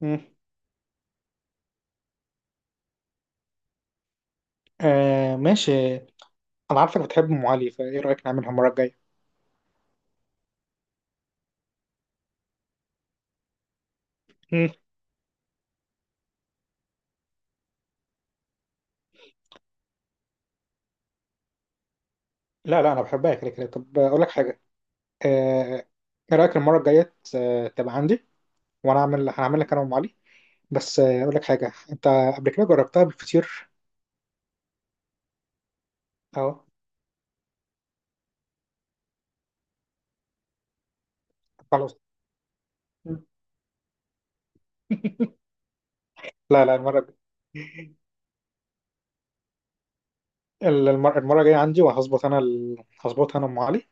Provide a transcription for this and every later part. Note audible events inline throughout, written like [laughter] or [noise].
مم. آه، ماشي. انا عارفك بتحب ام علي، فايه رايك نعملها المره الجايه؟ مم. لا لا، انا بحبها كده كده. طب اقول لك حاجه. آه. ايه رايك المره الجايه تبقى عندي، وانا اعمل هنعمل لك انا وام علي. بس اقول لك حاجه انت. قبل كده جربتها بالفطير. اه خلاص. مم. [laughs] لا لا، المره الجايه. المره الجايه عندي، وهظبط انا هظبط انا ام علي،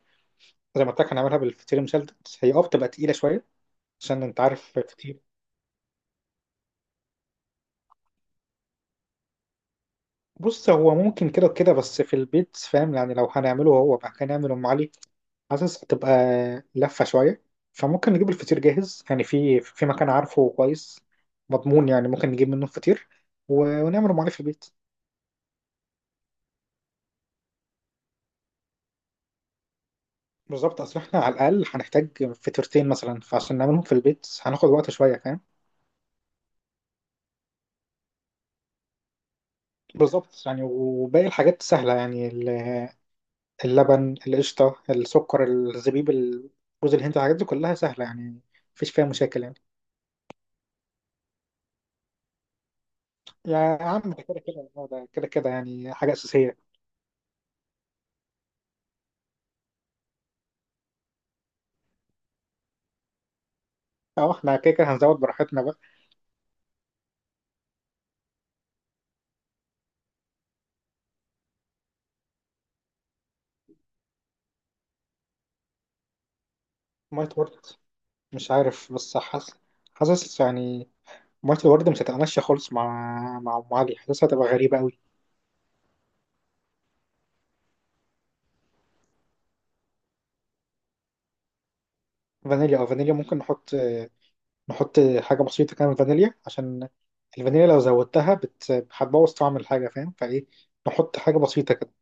زي ما قلت لك هنعملها بالفطير المشلتت، هي بتبقى تقيله شويه. عشان انت عارف الفطير. بص، هو ممكن كده وكده، بس في البيت، فاهم يعني لو هنعمله، هو بقى هنعمل ام علي حاسس هتبقى لفه شويه. فممكن نجيب الفطير جاهز، يعني في مكان عارفه كويس، مضمون، يعني ممكن نجيب منه الفطير، ونعمل ام علي في البيت. بالظبط، اصل احنا على الاقل هنحتاج فطيرتين مثلا، فعشان نعملهم في البيت هناخد وقت شويه فاهم. بالظبط يعني، وباقي الحاجات سهله يعني، اللبن، القشطه، السكر، الزبيب، جوز الهند، الحاجات دي كلها سهله يعني، مفيش فيها مشاكل يعني. يعني يا عم، ده كده كده، هو ده كده كده يعني حاجة أساسية. أه، إحنا كده كده هنزود براحتنا بقى. مية ورد؟ مش عارف، بس حاسس، حاسس يعني، مية الورد مش هتتمشى خالص، مع أم علي. حاسسها هتبقى غريبة أوي. فانيليا، فانيليا ممكن نحط. نحط حاجة بسيطة كده من فانيليا، عشان الفانيليا لو زودتها هتبوظ طعم الحاجة، فاهم. فإيه، نحط حاجة بسيطة كده.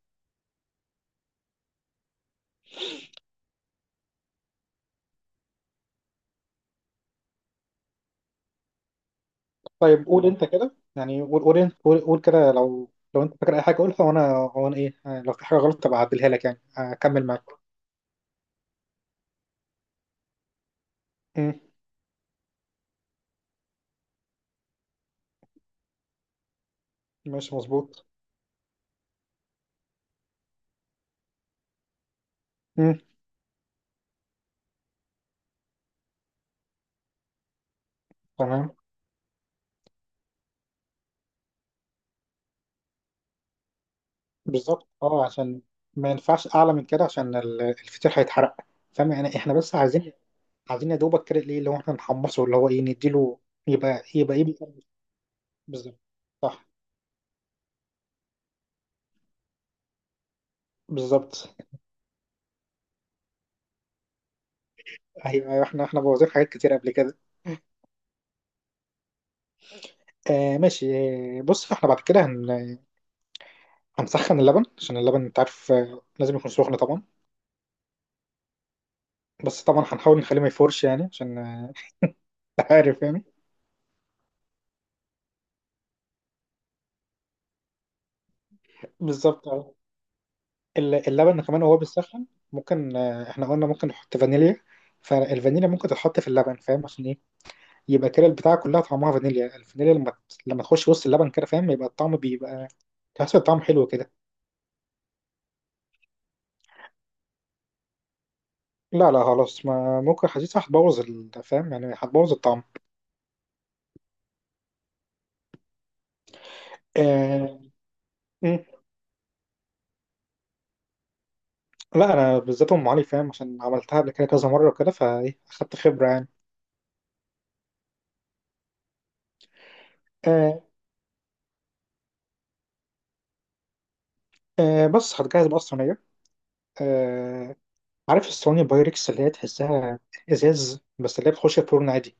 طيب قول أنت كده، يعني، قول أنت قول كده، لو لو أنت فاكر أي حاجة قولها، وأنا إيه، لو في حاجة غلط تبقى أعدلها لك، يعني أكمل معاك. مم. ماشي، مظبوط. مم. تمام. بالظبط، اه، عشان ما ينفعش اعلى من كده، عشان الفطير هيتحرق، فاهم يعني. احنا بس عايزين، عايزين يا دوبك كده، ايه اللي هو احنا نحمصه، اللي هو ايه نديله. يبقى ايه. بالظبط، صح. بالظبط، ايوه ايوه، احنا بوظنا حاجات كتير قبل كده. آه ماشي. بص، احنا بعد كده هنسخن اللبن، عشان اللبن انت عارف لازم يكون سخن طبعا. بس طبعا هنحاول نخليه ما يفورش يعني عشان آه، [laughs] انت عارف يعني. بالظبط. اللبن كمان وهو بيسخن ممكن، احنا قلنا ممكن نحط فانيليا، فالفانيليا ممكن تتحط في اللبن، فاهم عشان ايه؟ يبقى كده البتاعة كلها طعمها فانيليا. الفانيليا لما لما تخش وسط اللبن كده، فاهم، يبقى الطعم بيبقى تحس الطعم حلو كده. لا لا، خلاص، ما ممكن، حاسسها هتبوظ فاهم يعني، هتبوظ الطعم. آه... مم. لا، انا بالذات ام علي فاهم، عشان عملتها قبل كده كذا مرة كده، فايه اخدت خبرة يعني. آه... بس هتجهز بقى الصينية. آه، عارف الصواني بايركس اللي هي تحسها ازاز، بس اللي هي بتخش الفرن عادي.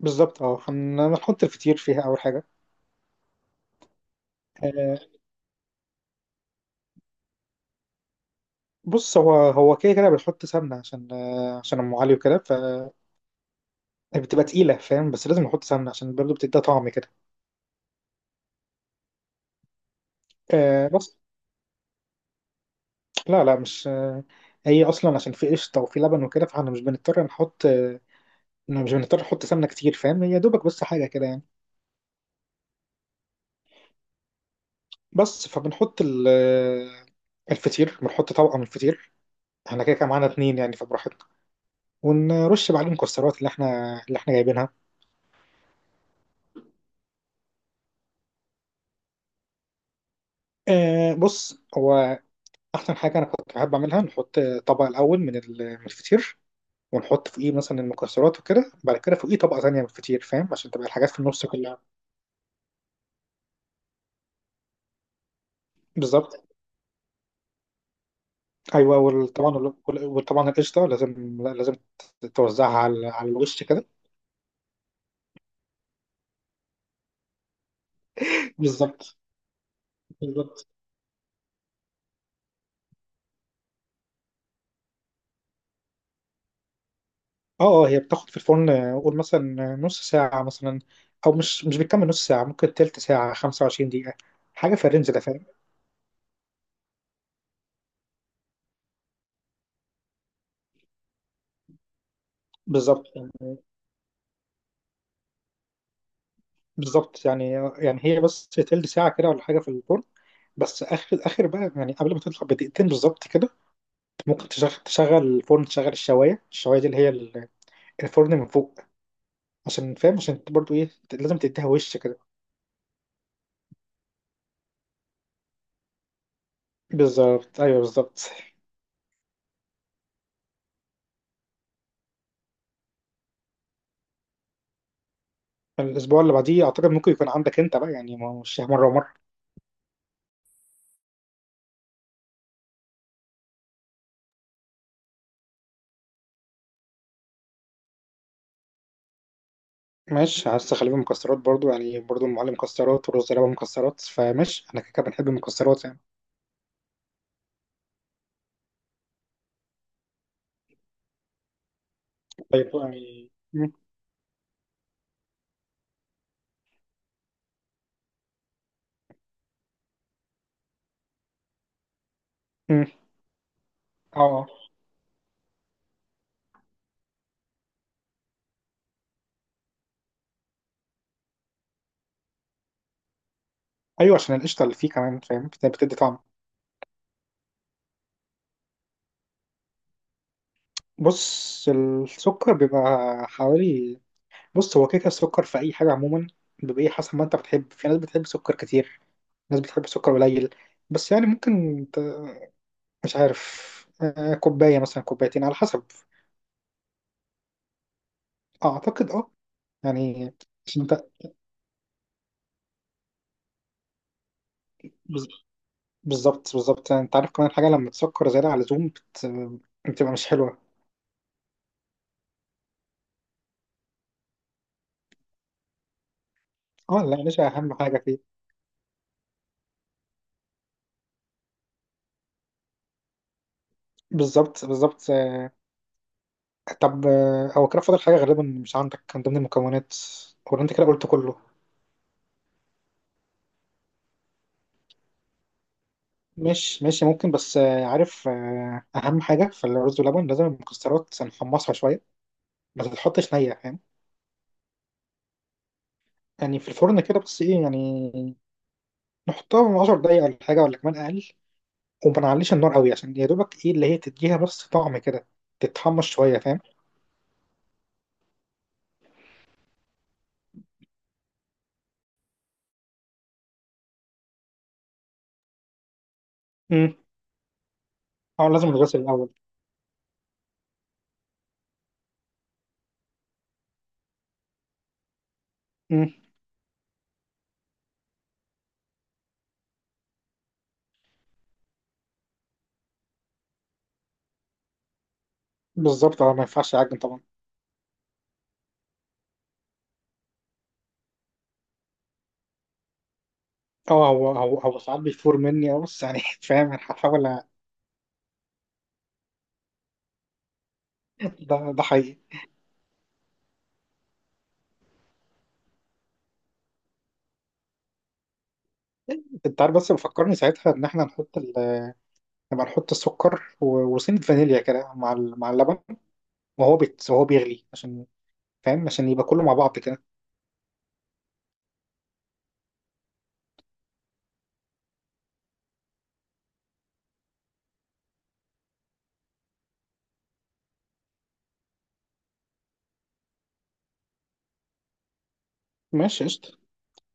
بالظبط، اه، هنحط الفطير فيها اول حاجه. آه، بص، هو كده كده بنحط سمنه عشان عشان ام علي وكده، فبتبقى تقيله، فاهم، بس لازم نحط سمنه عشان برضه بتديها طعم كده. بس لا لا، مش هي اصلا عشان في قشطه وفي لبن وكده، فاحنا مش بنضطر نحط مش بنضطر نحط سمنه كتير، فاهم، هي دوبك بس حاجه كده يعني. بس فبنحط الفطير، بنحط طبقه من الفطير، احنا كده كده معانا اتنين يعني فبراحتنا، ونرش بعدين الكسرات اللي احنا، اللي احنا جايبينها. آه، بص هو احسن حاجه انا كنت بحب اعملها، نحط طبق الاول من من الفطير، ونحط فوقيه مثلا المكسرات وكده، بعد كده فوقيه طبقه ثانيه من الفطير، فاهم، عشان تبقى الحاجات في النص كلها. بالظبط، ايوه، وطبعا، وطبعا القشطه لازم توزعها على الوش كده. بالظبط بالظبط، اه. اه هي بتاخد في الفرن، قول مثلا نص ساعه مثلا، او مش بتكمل نص ساعه، ممكن تلت ساعه، 25 دقيقه، حاجه في الرينج ده فاهم. بالظبط بالظبط يعني، يعني هي بس تلت ساعة كده ولا حاجة في الفرن، بس آخر آخر بقى يعني قبل ما تطلع بدقيقتين بالظبط كده، ممكن تشغل الفرن، تشغل الشواية دي اللي هي الفرن من فوق، عشان، فاهم، عشان برضو إيه، لازم تديها وش كده. بالظبط، أيوه، بالظبط. الأسبوع اللي بعديه أعتقد ممكن يكون عندك أنت بقى، يعني ما هو مش مرة ومرة. ماشي، عايز تخليه مكسرات برضو، يعني برضو المعلم مكسرات، ورز لبن مكسرات، فماشي، أنا كده كده بنحب المكسرات يعني. طيب يعني م. اه، ايوه، عشان القشطه اللي فيه كمان، فاهم بتدي طعم. بص السكر بيبقى حوالي، بص هو كده كده السكر في اي حاجه عموما بيبقى ايه حسب ما انت بتحب. في ناس بتحب سكر كتير، ناس بتحب سكر قليل، بس يعني ممكن مش عارف، كوبايه مثلا، كوبايتين على حسب. اعتقد اه. يعني عشان انت، بز- بالظبط بالظبط يعني، انت عارف كمان حاجه، لما تسكر زياده على اللزوم بتبقى مش حلوه. اه لا، النشا اهم حاجه فيه. بالظبط بالظبط. طب، هو كده فاضل حاجة غالبا مش عندك من ضمن المكونات، ولا انت كده قلت كله؟ مش ماشي، ممكن بس عارف أهم حاجة في الرز واللبن لازم المكسرات نحمصها شوية، ما تتحطش نية، فاهم يعني، في الفرن كده، بس ايه يعني، نحطها من 10 دقايق ولا حاجة، ولا كمان أقل، وما نعليش النار قوي، عشان يا دوبك ايه، اللي هي تديها بس طعم كده، تتحمص شوية فاهم. امم. اه لازم الغسل الأول. امم. بالظبط، اه، ما ينفعش يعجن طبعا. اه، هو ساعات بيفور مني، بس يعني [laughs] فاهم هحاول. ده حقيقي. انت عارف بس بفكرني ساعتها ان احنا نحط نبقى نحط السكر، وسنة فانيليا كده مع مع اللبن، وهو بيغلي، عشان فاهم، عشان يبقى كله مع بعض كده. ماشي، قشطة.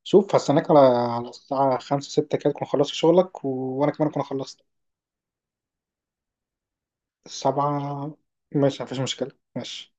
شوف هستناك على الساعة خمسة ستة كده تكون خلصت شغلك. وأنا كمان أكون خلصت. سبعة. ماشي مفيش مشكلة، ماشي.